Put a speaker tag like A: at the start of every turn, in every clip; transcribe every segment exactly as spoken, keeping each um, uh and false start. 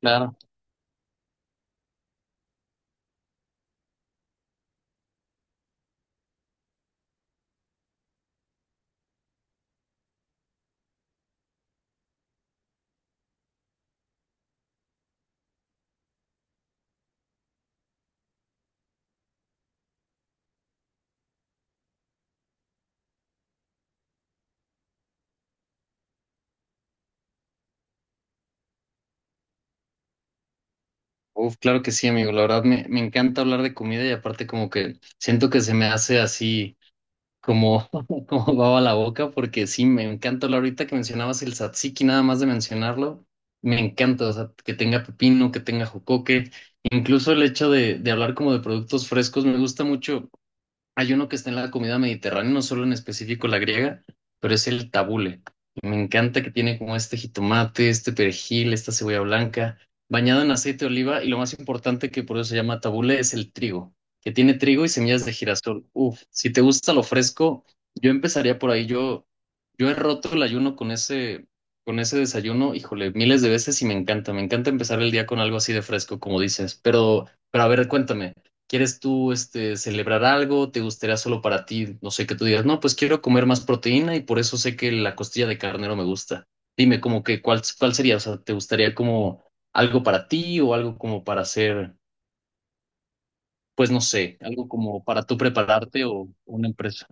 A: Claro, uf, claro que sí, amigo. La verdad me, me encanta hablar de comida y aparte como que siento que se me hace así como, como baba la boca porque sí, me encanta hablar ahorita que mencionabas el tzatziki, nada más de mencionarlo, me encanta, o sea, que tenga pepino, que tenga jocoque, incluso el hecho de, de hablar como de productos frescos, me gusta mucho. Hay uno que está en la comida mediterránea, no solo en específico la griega, pero es el tabule. Me encanta que tiene como este jitomate, este perejil, esta cebolla blanca, bañado en aceite de oliva y lo más importante que por eso se llama tabule es el trigo, que tiene trigo y semillas de girasol. Uf, si te gusta lo fresco, yo empezaría por ahí. Yo, yo he roto el ayuno con ese, con ese desayuno, híjole, miles de veces y me encanta. Me encanta empezar el día con algo así de fresco, como dices. Pero, pero a ver, cuéntame. ¿Quieres tú este, celebrar algo? ¿Te gustaría solo para ti? No sé, que tú digas, no, pues quiero comer más proteína y por eso sé que la costilla de carnero me gusta. Dime, como que, ¿cuál, cuál sería? O sea, ¿te gustaría como algo para ti o algo como para hacer, pues no sé, algo como para tú prepararte o una empresa?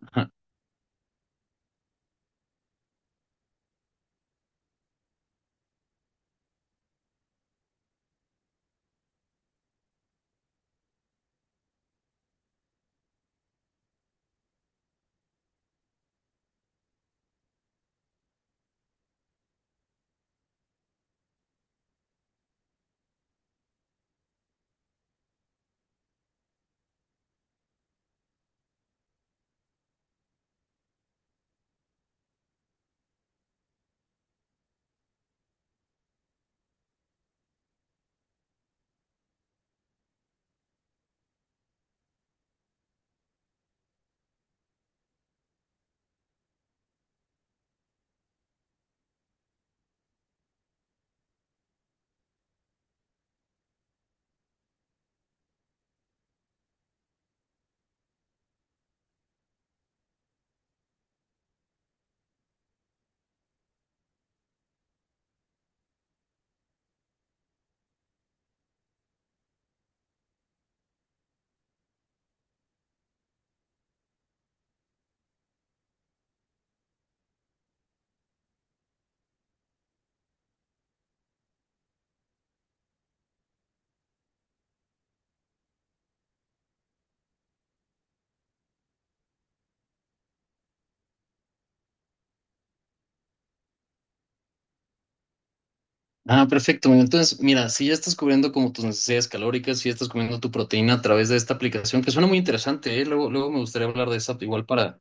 A: Ah, perfecto. Mira, entonces, mira, si ya estás cubriendo como tus necesidades calóricas, si ya estás comiendo tu proteína a través de esta aplicación, que suena muy interesante, ¿eh? Luego, luego me gustaría hablar de esa igual para,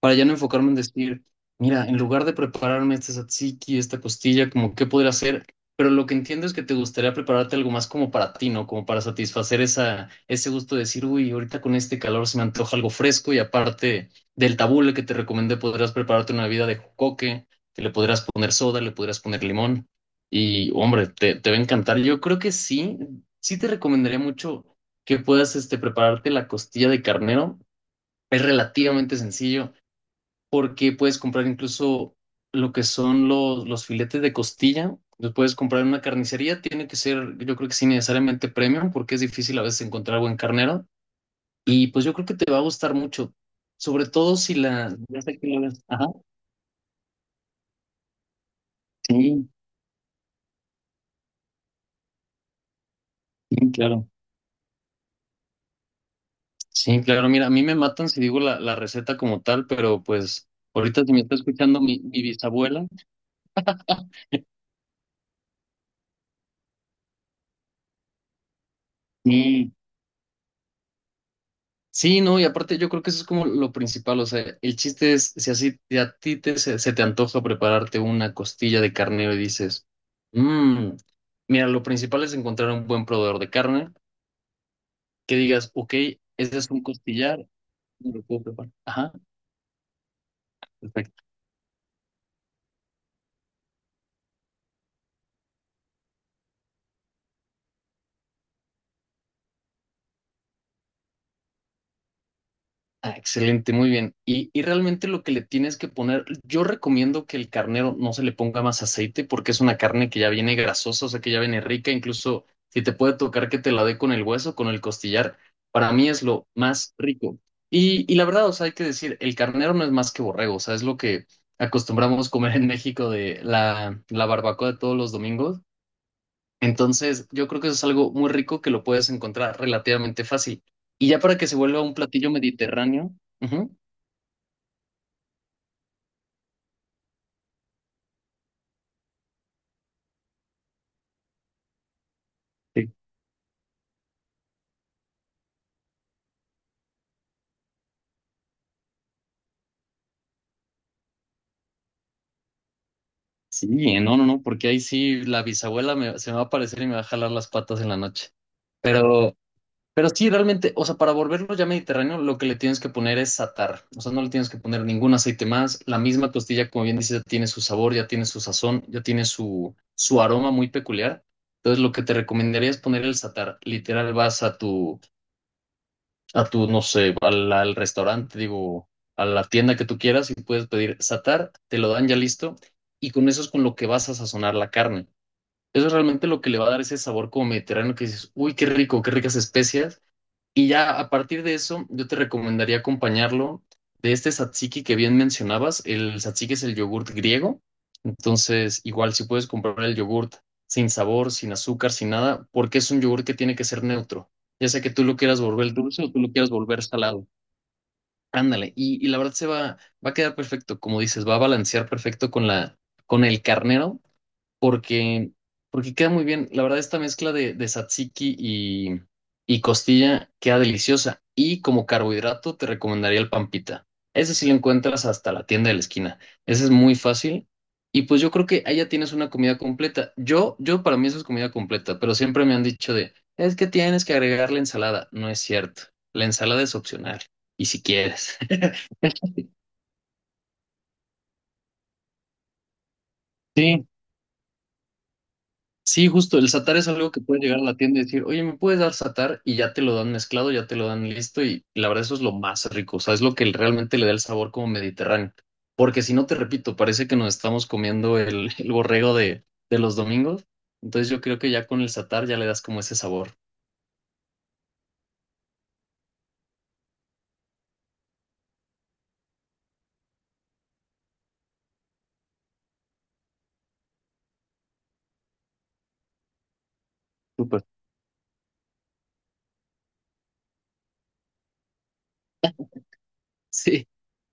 A: para ya no enfocarme en decir, mira, en lugar de prepararme este tzatziki, esta costilla, como qué podría hacer, pero lo que entiendo es que te gustaría prepararte algo más como para ti, ¿no? Como para satisfacer esa, ese gusto de decir, uy, ahorita con este calor se me antoja algo fresco y aparte del tabule que te recomendé, podrías prepararte una bebida de jocoque, que le podrías poner soda, le podrías poner limón. Y hombre, te, te va a encantar. Yo creo que sí, sí te recomendaría mucho que puedas este, prepararte la costilla de carnero. Es relativamente sencillo porque puedes comprar incluso lo que son los, los filetes de costilla. Los puedes comprar en una carnicería. Tiene que ser, yo creo que sí, necesariamente premium porque es difícil a veces encontrar buen carnero. Y pues yo creo que te va a gustar mucho, sobre todo si la... Ya sé que lo ves. Ajá, sí, sí, claro. Sí, claro, mira, a mí me matan si digo la, la receta como tal, pero pues ahorita si me está escuchando mi, mi bisabuela. Sí. Sí, no, y aparte yo creo que eso es como lo principal, o sea, el chiste es si así te- a ti te, se, se te antoja prepararte una costilla de carnero y dices, mmm, mira, lo principal es encontrar un buen proveedor de carne, que digas, ok, ese es un costillar, me lo puedo preparar. Ajá, perfecto. Ah, excelente, muy bien. Y, y realmente lo que le tienes que poner, yo recomiendo que el carnero no se le ponga más aceite porque es una carne que ya viene grasosa, o sea que ya viene rica, incluso si te puede tocar que te la dé con el hueso, con el costillar, para mí es lo más rico. Y, y la verdad, o sea, hay que decir, el carnero no es más que borrego, o sea, es lo que acostumbramos comer en México de la, la barbacoa de todos los domingos. Entonces, yo creo que eso es algo muy rico que lo puedes encontrar relativamente fácil. Y ya para que se vuelva un platillo mediterráneo, ujú, sí, sí, no, no, no, porque ahí sí la bisabuela me- se me va a aparecer y me va a jalar las patas en la noche. Pero, pero sí, realmente, o sea, para volverlo ya mediterráneo, lo que le tienes que poner es satar. O sea, no le tienes que poner ningún aceite más. La misma costilla, como bien dices, ya tiene su sabor, ya tiene su sazón, ya tiene su, su aroma muy peculiar. Entonces, lo que te recomendaría es poner el satar. Literal, vas a tu a tu, no sé, al, al restaurante, digo, a la tienda que tú quieras y puedes pedir satar, te lo dan ya listo y con eso es con lo que vas a sazonar la carne. Eso es realmente lo que le va a dar ese sabor como mediterráneo que dices, uy, qué rico, qué ricas especias y ya a partir de eso, yo te recomendaría acompañarlo de este tzatziki que bien mencionabas. El tzatziki es el yogurt griego. Entonces, igual si puedes comprar el yogurt sin sabor, sin azúcar, sin nada, porque es un yogurt que tiene que ser neutro. Ya sea que tú lo quieras volver dulce o tú lo quieras volver salado. Ándale. Y, y la verdad se va, va a quedar perfecto. Como dices, va a balancear perfecto con la, con el carnero porque, porque queda muy bien. La verdad, esta mezcla de, de tzatziki y, y costilla queda deliciosa. Y como carbohidrato, te recomendaría el pampita. Ese sí lo encuentras hasta la tienda de la esquina. Ese es muy fácil. Y pues yo creo que ahí ya tienes una comida completa. Yo, yo para mí eso es comida completa, pero siempre me han dicho de, es que tienes que agregar la ensalada. No es cierto. La ensalada es opcional. Y si quieres. Sí, justo, el satar es algo que puede llegar a la tienda y decir, oye, ¿me puedes dar satar? Y ya te lo dan mezclado, ya te lo dan listo y la verdad eso es lo más rico, o sea, es lo que realmente le da el sabor como mediterráneo. Porque si no, te repito, parece que nos estamos comiendo el, el borrego de, de los domingos, entonces yo creo que ya con el satar ya le das como ese sabor. Súper. Sí.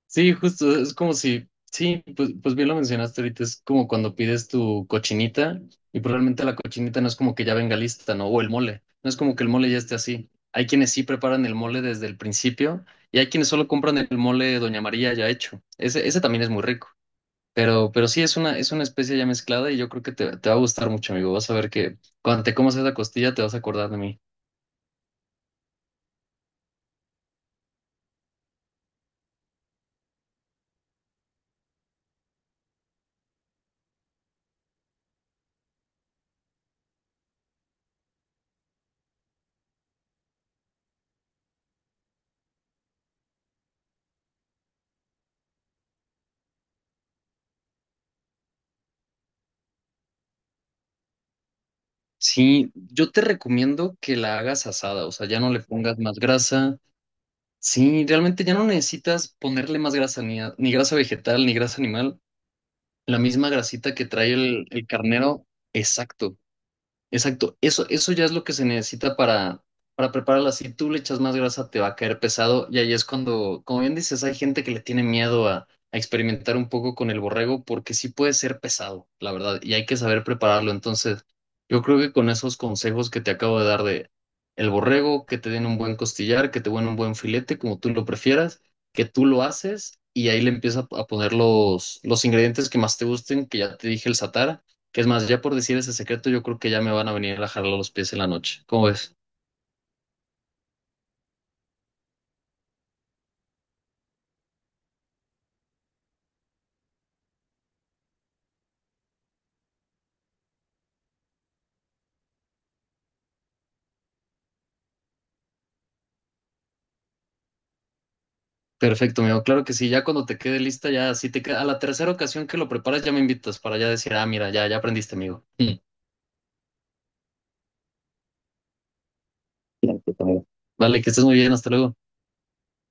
A: Sí, justo, es como si, sí, pues, pues bien lo mencionaste ahorita, es como cuando pides tu cochinita y probablemente la cochinita no es como que ya venga lista, ¿no? O el mole, no es como que el mole ya esté así. Hay quienes sí preparan el mole desde el principio y hay quienes solo compran el mole Doña María ya hecho. Ese, ese también es muy rico, pero, pero sí es una, es una especie ya mezclada y yo creo que te, te va a gustar mucho, amigo. Vas a ver que cuando te comas esa costilla te vas a acordar de mí. Sí, yo te recomiendo que la hagas asada, o sea, ya no le pongas más grasa. Sí, realmente ya no necesitas ponerle más grasa, ni, a- ni grasa vegetal, ni grasa animal. La misma grasita que trae el, el carnero, exacto. Exacto, eso, eso ya es lo que se necesita para, para prepararla. Si tú le echas más grasa, te va a caer pesado. Y ahí es cuando, como bien dices, hay gente que le tiene miedo a, a experimentar un poco con el borrego porque sí puede ser pesado, la verdad, y hay que saber prepararlo. Entonces, yo creo que con esos consejos que te acabo de dar de el borrego, que te den un buen costillar, que te den un buen filete, como tú lo prefieras, que tú lo haces y ahí le empiezas a poner los, los ingredientes que más te gusten, que ya te dije el satara que es más, ya por decir ese secreto, yo creo que ya me van a venir a jalar los pies en la noche. ¿Cómo ves? Perfecto, amigo. Claro que sí, ya cuando te quede lista, ya si te queda, a la tercera ocasión que lo preparas, ya me invitas para ya decir, ah, mira, ya, ya aprendiste, amigo. Mm. Bien, pues, amigo. Vale, que estés muy bien, hasta luego.